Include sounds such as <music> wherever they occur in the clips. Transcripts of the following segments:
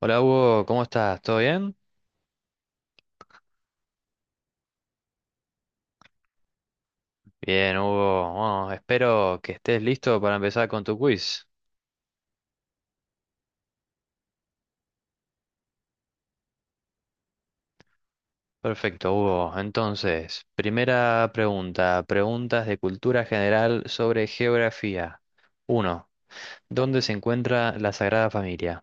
Hola Hugo, ¿cómo estás? ¿Todo bien? Bien, Hugo. Bueno, espero que estés listo para empezar con tu quiz. Perfecto, Hugo. Entonces, primera pregunta, preguntas de cultura general sobre geografía. Uno, ¿dónde se encuentra la Sagrada Familia?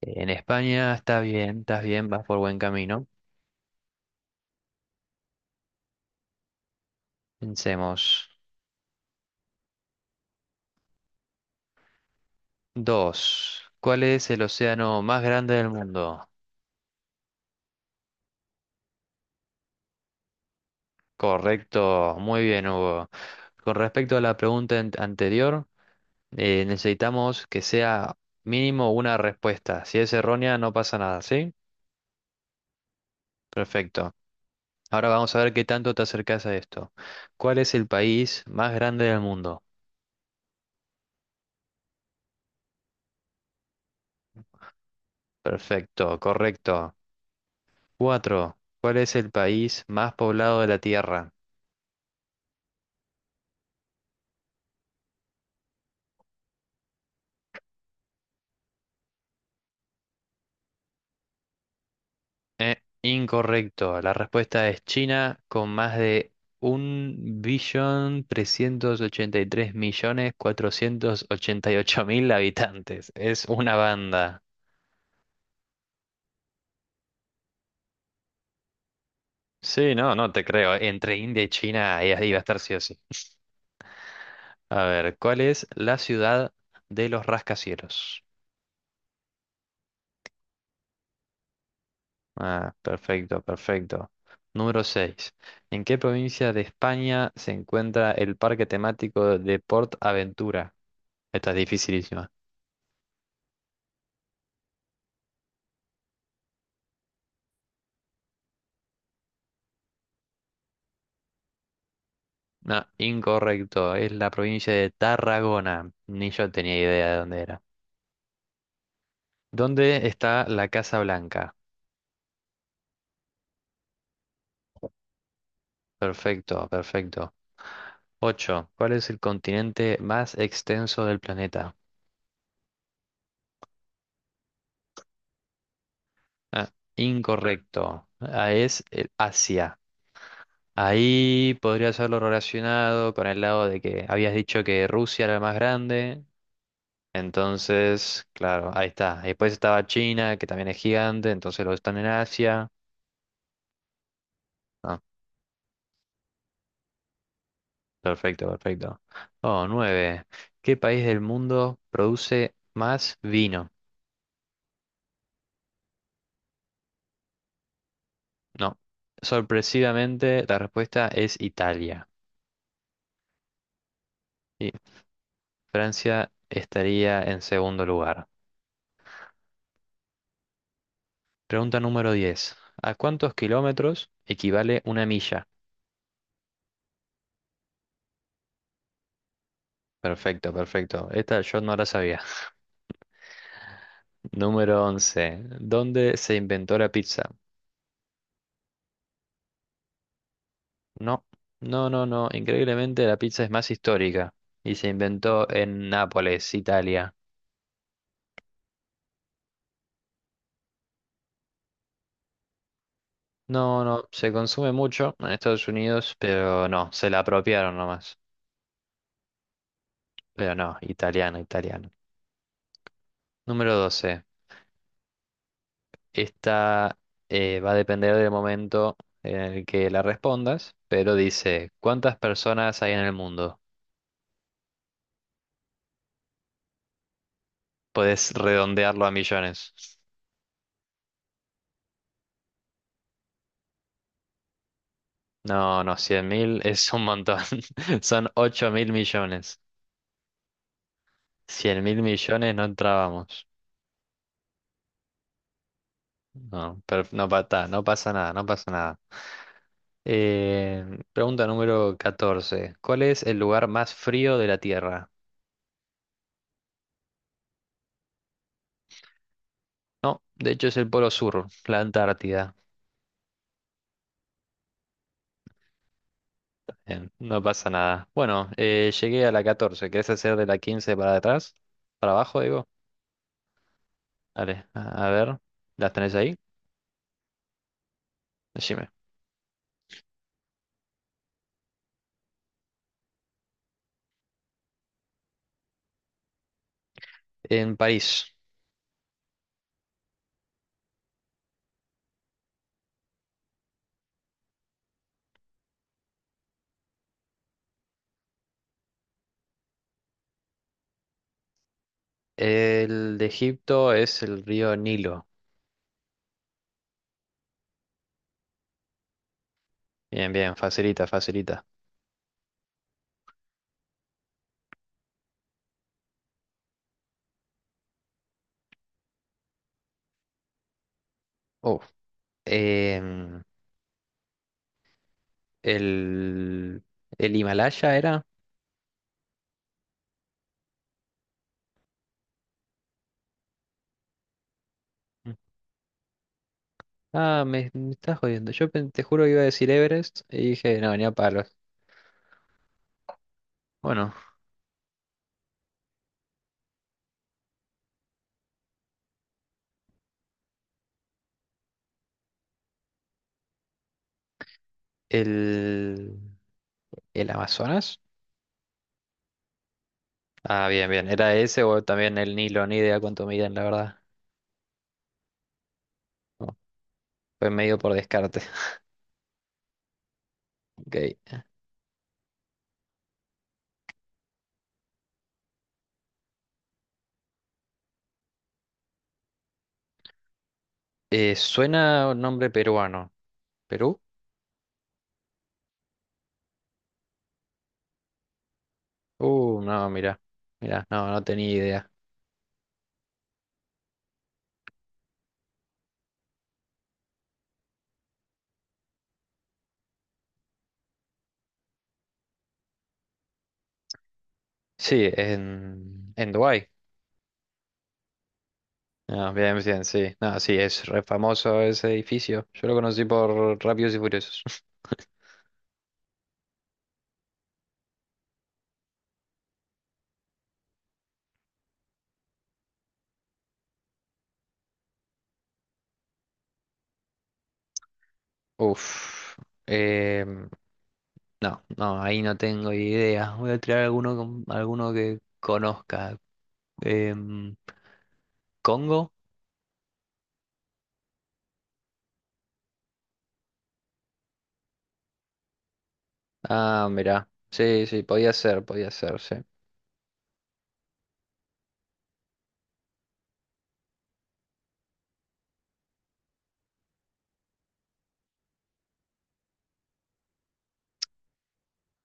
En España, está bien, estás bien, vas por buen camino. Pensemos. 2, ¿cuál es el océano más grande del mundo? Correcto, muy bien, Hugo. Con respecto a la pregunta anterior, necesitamos que sea mínimo una respuesta. Si es errónea, no pasa nada, ¿sí? Perfecto. Ahora vamos a ver qué tanto te acercas a esto. ¿Cuál es el país más grande del mundo? Perfecto, correcto. Cuatro. ¿Cuál es el país más poblado de la Tierra? Incorrecto. La respuesta es China con más de un billón trescientos ochenta y tres millones cuatrocientos ochenta y ocho mil habitantes. Es una banda. Sí, no, no te creo. Entre India y China iba a estar sí o sí. A ver, ¿cuál es la ciudad de los rascacielos? Ah, perfecto, perfecto. Número 6. ¿En qué provincia de España se encuentra el parque temático de Port Aventura? Esta es dificilísima. No, incorrecto. Es la provincia de Tarragona. Ni yo tenía idea de dónde era. ¿Dónde está la Casa Blanca? Perfecto, perfecto. 8. ¿Cuál es el continente más extenso del planeta? Ah, incorrecto. Ah, es el Asia. Ahí podría haberlo relacionado con el lado de que habías dicho que Rusia era el más grande. Entonces, claro, ahí está. Después estaba China, que también es gigante, entonces los están en Asia. Ah, perfecto, perfecto. Oh, 9. ¿Qué país del mundo produce más vino? No. Sorpresivamente, la respuesta es Italia. Y Francia estaría en segundo lugar. Pregunta número 10. ¿A cuántos kilómetros equivale una milla? Perfecto, perfecto. Esta yo no la sabía. <laughs> Número 11. ¿Dónde se inventó la pizza? No, no, no, no. Increíblemente la pizza es más histórica y se inventó en Nápoles, Italia. No, no, se consume mucho en Estados Unidos, pero no, se la apropiaron nomás. Pero no, italiano, italiano. Número 12. Esta va a depender del momento en el que la respondas, pero dice, ¿cuántas personas hay en el mundo? Puedes redondearlo a millones. No, no, cien mil <laughs> es un montón. <laughs> Son 8.000 millones. 100.000 millones no entrábamos. No, pero no, no pasa nada, no pasa nada. Eh, pregunta número 14. ¿Cuál es el lugar más frío de la Tierra? No, de hecho es el Polo Sur, la Antártida. Bien, no pasa nada. Bueno, llegué a la 14. ¿Querés hacer de la 15 para atrás? ¿Para abajo, digo? Dale, a ver. ¿Las tenés ahí? Decime. En París. El de Egipto es el río Nilo. Bien, bien, facilita, facilita. Oh, em, el, el Himalaya era. Mm. Ah, me estás jodiendo. Yo te juro que iba a decir Everest y dije, no, venía palos. Bueno, el, el Amazonas. Ah, bien, bien. ¿Era ese o también el Nilo? Ni idea cuánto miden, la verdad. No, fue medio por descarte. <laughs> Ok. Suena un nombre peruano. ¿Perú? No, mira. Mira, no, no tenía idea. Sí, en Dubái. Ah, bien, bien, sí. No, sí, es re famoso ese edificio. Yo lo conocí por Rápidos y Furiosos. <laughs> Uf. em, no, no, ahí no tengo idea. Voy a tirar alguno, alguno que conozca. Em, ¿Congo? Ah, mirá. Sí, sí, podía ser, sí.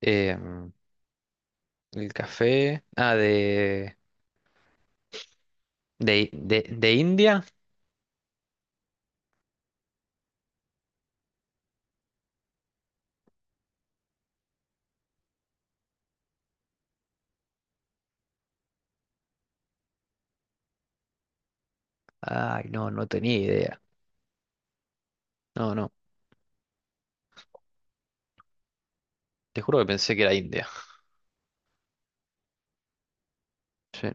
Em, el café. Ah, de India. Ay, no, no tenía idea. No, no. Te juro que pensé que era India. Sí.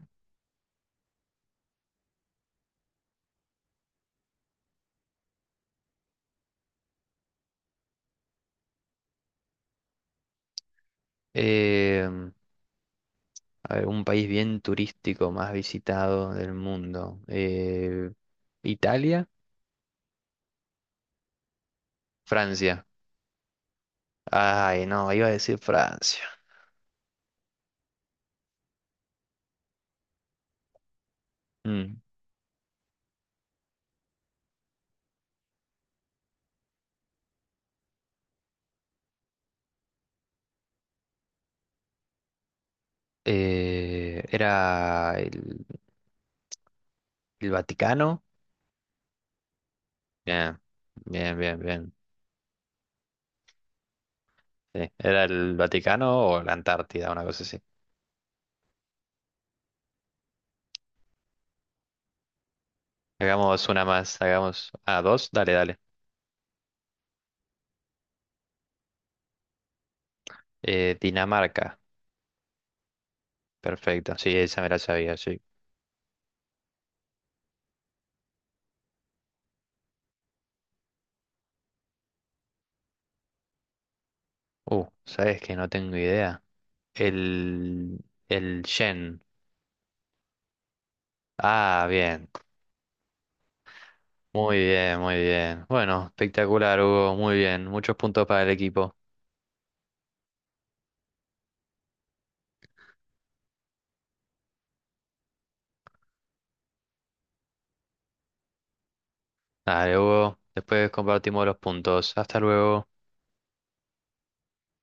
Em, a ver, un país bien turístico más visitado del mundo. Italia, Francia. Ay, no, iba a decir Francia. Mm. Era el Vaticano. Bien, bien, bien, bien. Sí, era el Vaticano o la Antártida, una cosa así. Hagamos una más, Ah, dos, dale, dale. Dinamarca, perfecto. Sí, esa me la sabía, sí. ¿Sabes que No tengo idea. El... El Yen. Ah, bien. Muy bien, muy bien. Bueno, espectacular, Hugo. Muy bien. Muchos puntos para el equipo. Dale, Hugo. Después compartimos los puntos. Hasta luego.